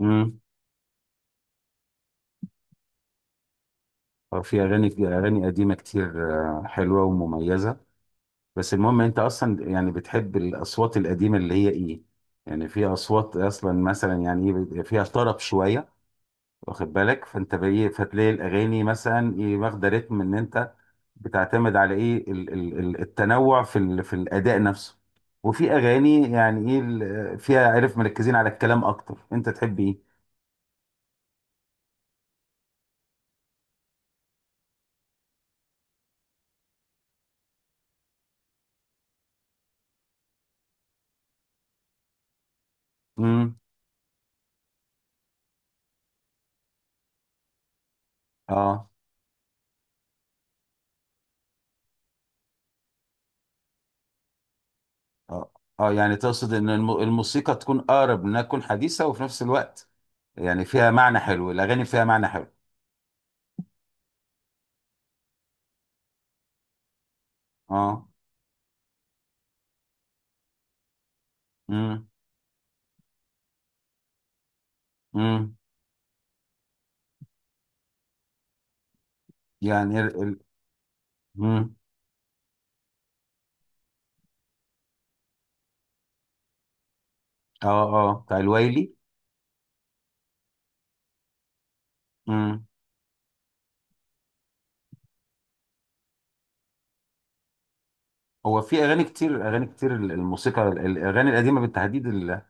امم في اغاني قديمه كتير، حلوه ومميزه. بس المهم انت اصلا يعني بتحب الاصوات القديمه اللي هي ايه؟ يعني في اصوات اصلا مثلا يعني ايه بيبقى فيها طرب شويه، واخد بالك؟ فانت بايه فتلاقي الاغاني مثلا ايه واخده رتم، ان انت بتعتمد على ايه التنوع في في الاداء نفسه، وفي اغاني يعني ايه فيها عارف مركزين على الكلام اكتر، انت تحب ايه؟ امم. اه اه اه. يعني تقصد ان الموسيقى تكون اقرب انها تكون حديثه وفي نفس الوقت، يعني فيها معنى حلو، الاغاني فيها معنى حلو. اه. امم امم. يعني امم. اه اه بتاع الويلي. امم. هو في اغاني كتير الموسيقى الاغاني القديمه بالتحديد،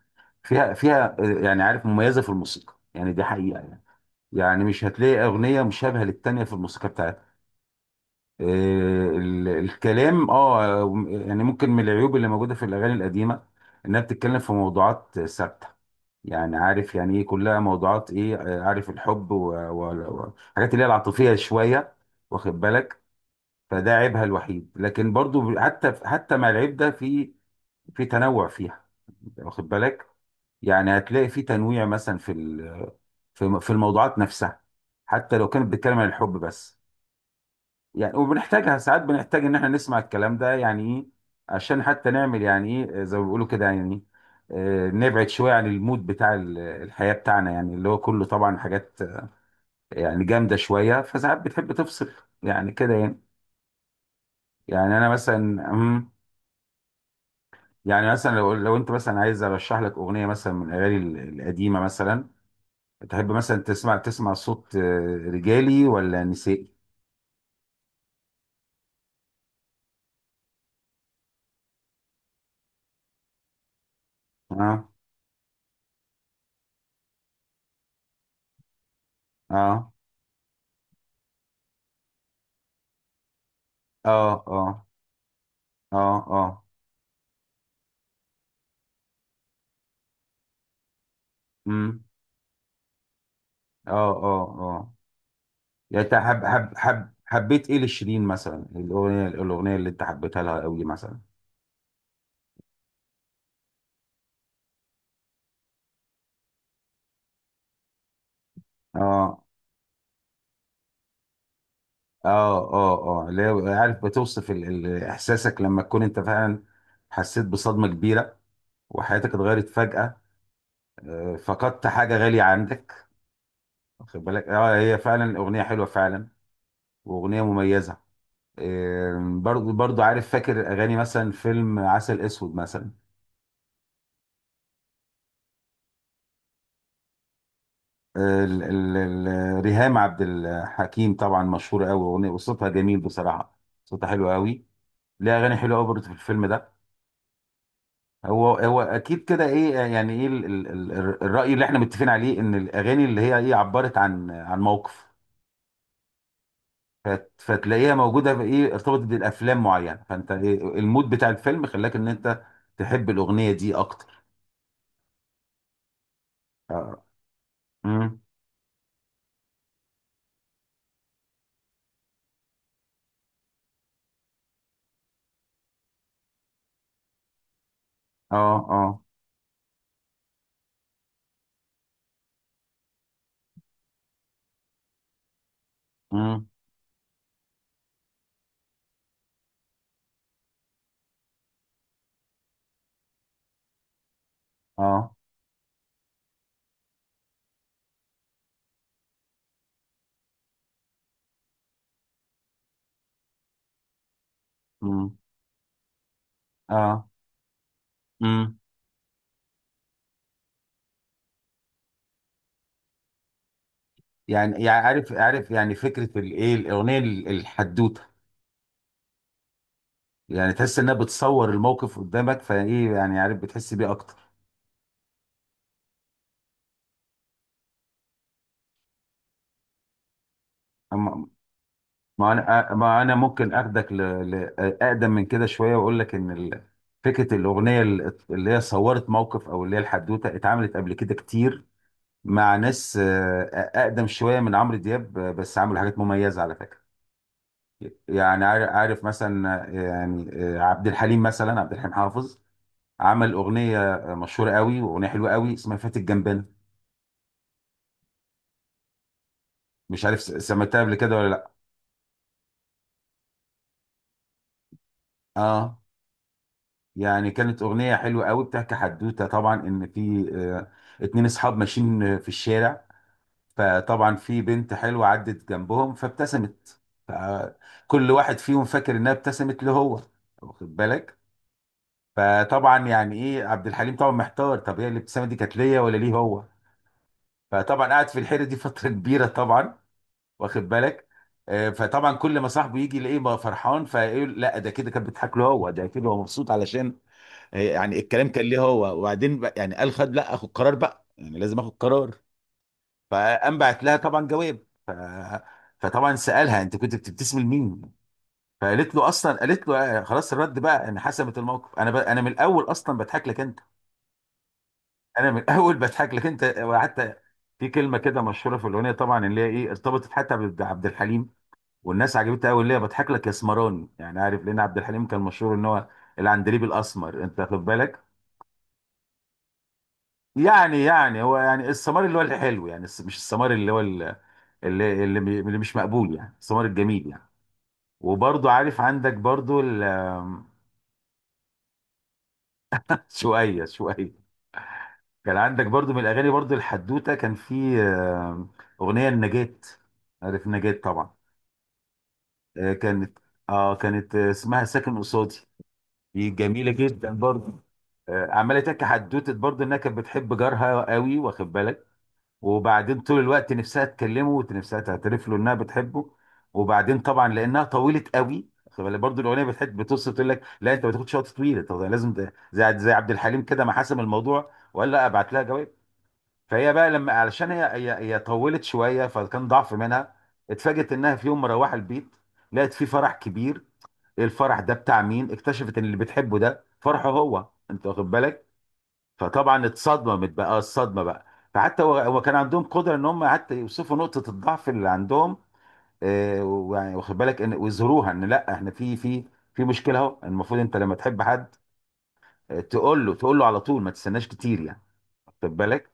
فيها يعني عارف مميزه في الموسيقى، يعني دي حقيقه يعني. يعني مش هتلاقي اغنيه مشابهه للتانيه في الموسيقى بتاعتها. الكلام اه يعني ممكن من العيوب اللي موجوده في الاغاني القديمه انها بتتكلم في موضوعات ثابته، يعني عارف يعني ايه كلها موضوعات ايه، عارف الحب والحاجات اللي هي العاطفيه شويه، واخد بالك؟ فده عيبها الوحيد، لكن برضو حتى مع العيب ده في تنوع فيها، واخد بالك؟ يعني هتلاقي في تنويع مثلا في في الموضوعات نفسها، حتى لو كانت بتتكلم عن الحب بس. يعني وبنحتاجها ساعات، بنحتاج ان احنا نسمع الكلام ده يعني ايه، عشان حتى نعمل يعني ايه زي ما بيقولوا كده يعني، إيه، نبعد شويه عن المود بتاع الحياه بتاعنا، يعني اللي هو كله طبعا حاجات يعني جامده شويه، فساعات بتحب تفصل يعني كده يعني. يعني انا مثلا، أمم، يعني مثلا لو انت مثلا عايز ارشح لك اغنيه مثلا من الاغاني القديمه، مثلا تحب مثلا تسمع صوت رجالي ولا نسائي؟ اه اه اه اه اه اه. امم. اه اه اه. يعني انت حب حب حب حبيت ايه لشيرين مثلا، الاغنيه اللي انت حبيتها لها قوي مثلا؟ اه اه اه. اللي هي عارف بتوصف احساسك لما تكون انت فعلا حسيت بصدمه كبيره، وحياتك اتغيرت فجاه، فقدت حاجه غاليه عندك، واخد بالك؟ اه هي فعلا اغنيه حلوه فعلا، واغنيه مميزه. برضو عارف فاكر اغاني مثلا فيلم عسل اسود مثلا، ريهام عبد الحكيم طبعا مشهورة قوي وصوتها جميل بصراحة. صوتها حلو قوي، ليها أغاني حلوة قوي برضه في الفيلم ده. هو أكيد كده إيه يعني إيه الرأي اللي إحنا متفقين عليه إن الأغاني اللي هي إيه عبرت عن موقف، فتلاقيها موجودة في إيه، ارتبطت بالأفلام معينة، فأنت إيه المود بتاع الفيلم خلاك إن أنت تحب الأغنية دي أكتر. آه. أمم. آه آه. أمم. آه. أمم. آه. مم. يعني عارف يعني فكرة الايه الأغنية الحدوتة، يعني تحس إنها بتصور الموقف قدامك فايه يعني عارف بتحس بيه أكتر. أما- ما أنا ممكن أخدك ل... أقدم من كده شوية، وأقول لك إن فكرة الأغنية اللي هي صورت موقف، أو اللي هي الحدوتة اتعملت قبل كده كتير مع ناس أقدم شوية من عمرو دياب، بس عملوا حاجات مميزة على فكرة. يعني عارف مثلا، عبد الحليم مثلا، عبد الحليم حافظ عمل اغنيه مشهوره قوي واغنيه حلوه قوي، اسمها فات الجنبانه. مش عارف سمعتها قبل كده ولا لا؟ اه، يعني كانت اغنيه حلوه قوي، بتحكي حدوته طبعا ان في اتنين اصحاب ماشيين في الشارع، فطبعا في بنت حلوه عدت جنبهم فابتسمت، فكل واحد فيهم فاكر انها ابتسمت له هو، واخد بالك؟ فطبعا يعني ايه عبد الحليم طبعا محتار، طب هي الابتسامه دي كانت ليا ولا ليه هو؟ فطبعا قعد في الحيره دي فتره كبيره طبعا، واخد بالك؟ فطبعا كل ما صاحبه يجي يلاقيه بقى فرحان فيقول لا ده كده كان بيضحك له هو، ده كده هو مبسوط علشان يعني الكلام كان ليه هو. وبعدين بقى يعني قال خد، لا اخد قرار بقى، يعني لازم اخد قرار. فقام بعت لها طبعا جواب، فطبعا سالها انت كنت بتبتسم لمين؟ فقالت له اصلا، قالت له خلاص الرد بقى ان حسمت الموقف، انا من الاول اصلا بضحك لك انت. انا من الاول بضحك لك انت. وحتى في كلمه كده مشهوره في الاغنيه طبعا، اللي هي ايه ارتبطت حتى بعبد الحليم، والناس عجبتها قوي، اللي هي بضحك لك يا اسمراني. يعني عارف، لان عبد الحليم كان مشهور ان هو العندليب الاسمر، انت واخد بالك؟ يعني هو يعني السمار اللي هو الحلو، يعني مش السمار اللي هو اللي مش مقبول، يعني السمار الجميل يعني. وبرضو عارف عندك برضو شوية شوية. كان عندك برضو من الاغاني برضو الحدوتة، كان في اغنية النجاة، عارف النجاة طبعا. كانت، اه كانت، اسمها ساكن قصادي. دي جميلة جدا برضو. عماله تحكي حدوته برضه انها كانت بتحب جارها قوي، واخد بالك؟ وبعدين طول الوقت نفسها تكلمه ونفسها تعترف له انها بتحبه. وبعدين طبعا لانها طويله قوي، واخد بالك برضه، الاغنيه بتحب بتوصف تقول لك لا انت ما تاخدش وقت طويل، طب ده لازم ده زي عبد الحليم كده ما حسم الموضوع وقال لا ابعت لها جواب. فهي بقى لما، علشان هي طولت شويه فكان ضعف منها. اتفاجئت انها في يوم مروحه البيت، لقت في فرح كبير، الفرح ده بتاع مين؟ اكتشفت ان اللي بتحبه ده فرحه هو، انت واخد بالك؟ فطبعا اتصدمت بقى، الصدمه بقى. فحتى هو كان عندهم قدره ان هم حتى يوصفوا نقطه الضعف اللي عندهم، آه، ويعني واخد بالك؟ ان ويظهروها، ان لا احنا في في مشكله، اهو المفروض انت لما تحب حد، تقول له على طول، ما تستناش كتير يعني، واخد بالك؟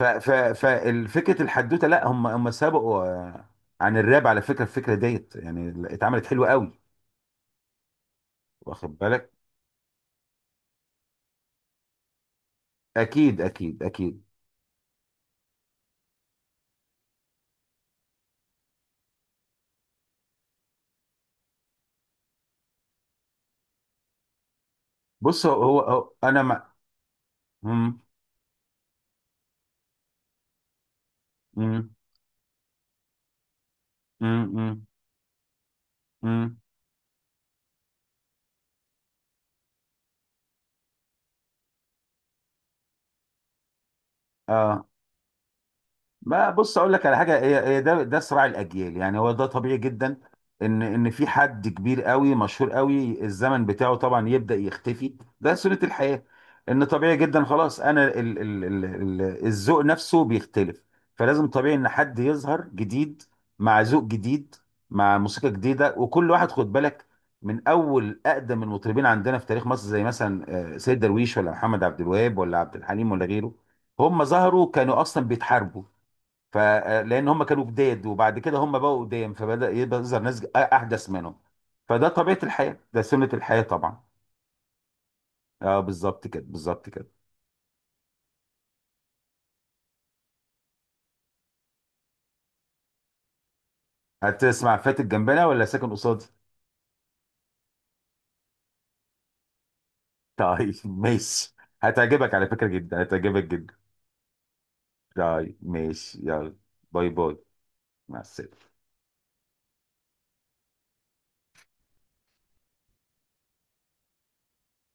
ففكره الحدوته، لا هم سبقوا عن الراب على فكره، الفكره ديت يعني اتعملت حلوه قوي، واخد بالك؟ اكيد اكيد اكيد. بص هو انا مع، مم، مم، مم، مم، مم. اه، ما بص اقول لك على حاجه، هي ده صراع الاجيال يعني، هو ده طبيعي جدا. ان في حد كبير قوي مشهور قوي الزمن بتاعه طبعا يبدا يختفي، ده سنه الحياه. ان طبيعي جدا خلاص، انا ال ال ال ال الذوق نفسه بيختلف، فلازم طبيعي ان حد يظهر جديد، مع ذوق جديد، مع موسيقى جديده. وكل واحد خد بالك من اول اقدم المطربين عندنا في تاريخ مصر، زي مثلا سيد درويش، ولا محمد عبد الوهاب، ولا عبد الحليم، ولا غيره، هم ظهروا كانوا اصلا بيتحاربوا، فلان هم كانوا جداد، وبعد كده هم بقوا قدام فبدأ يبقى يظهر ناس احدث منهم، فده طبيعة الحياة، ده سنة الحياة طبعا. اه بالظبط كده بالظبط كده. هتسمع فاتت جنبنا ولا ساكن قصادي؟ طيب ماشي. هتعجبك على فكرة جدا، هتعجبك جدا. طيب ماشي يلا. باي باي. مع السلامة.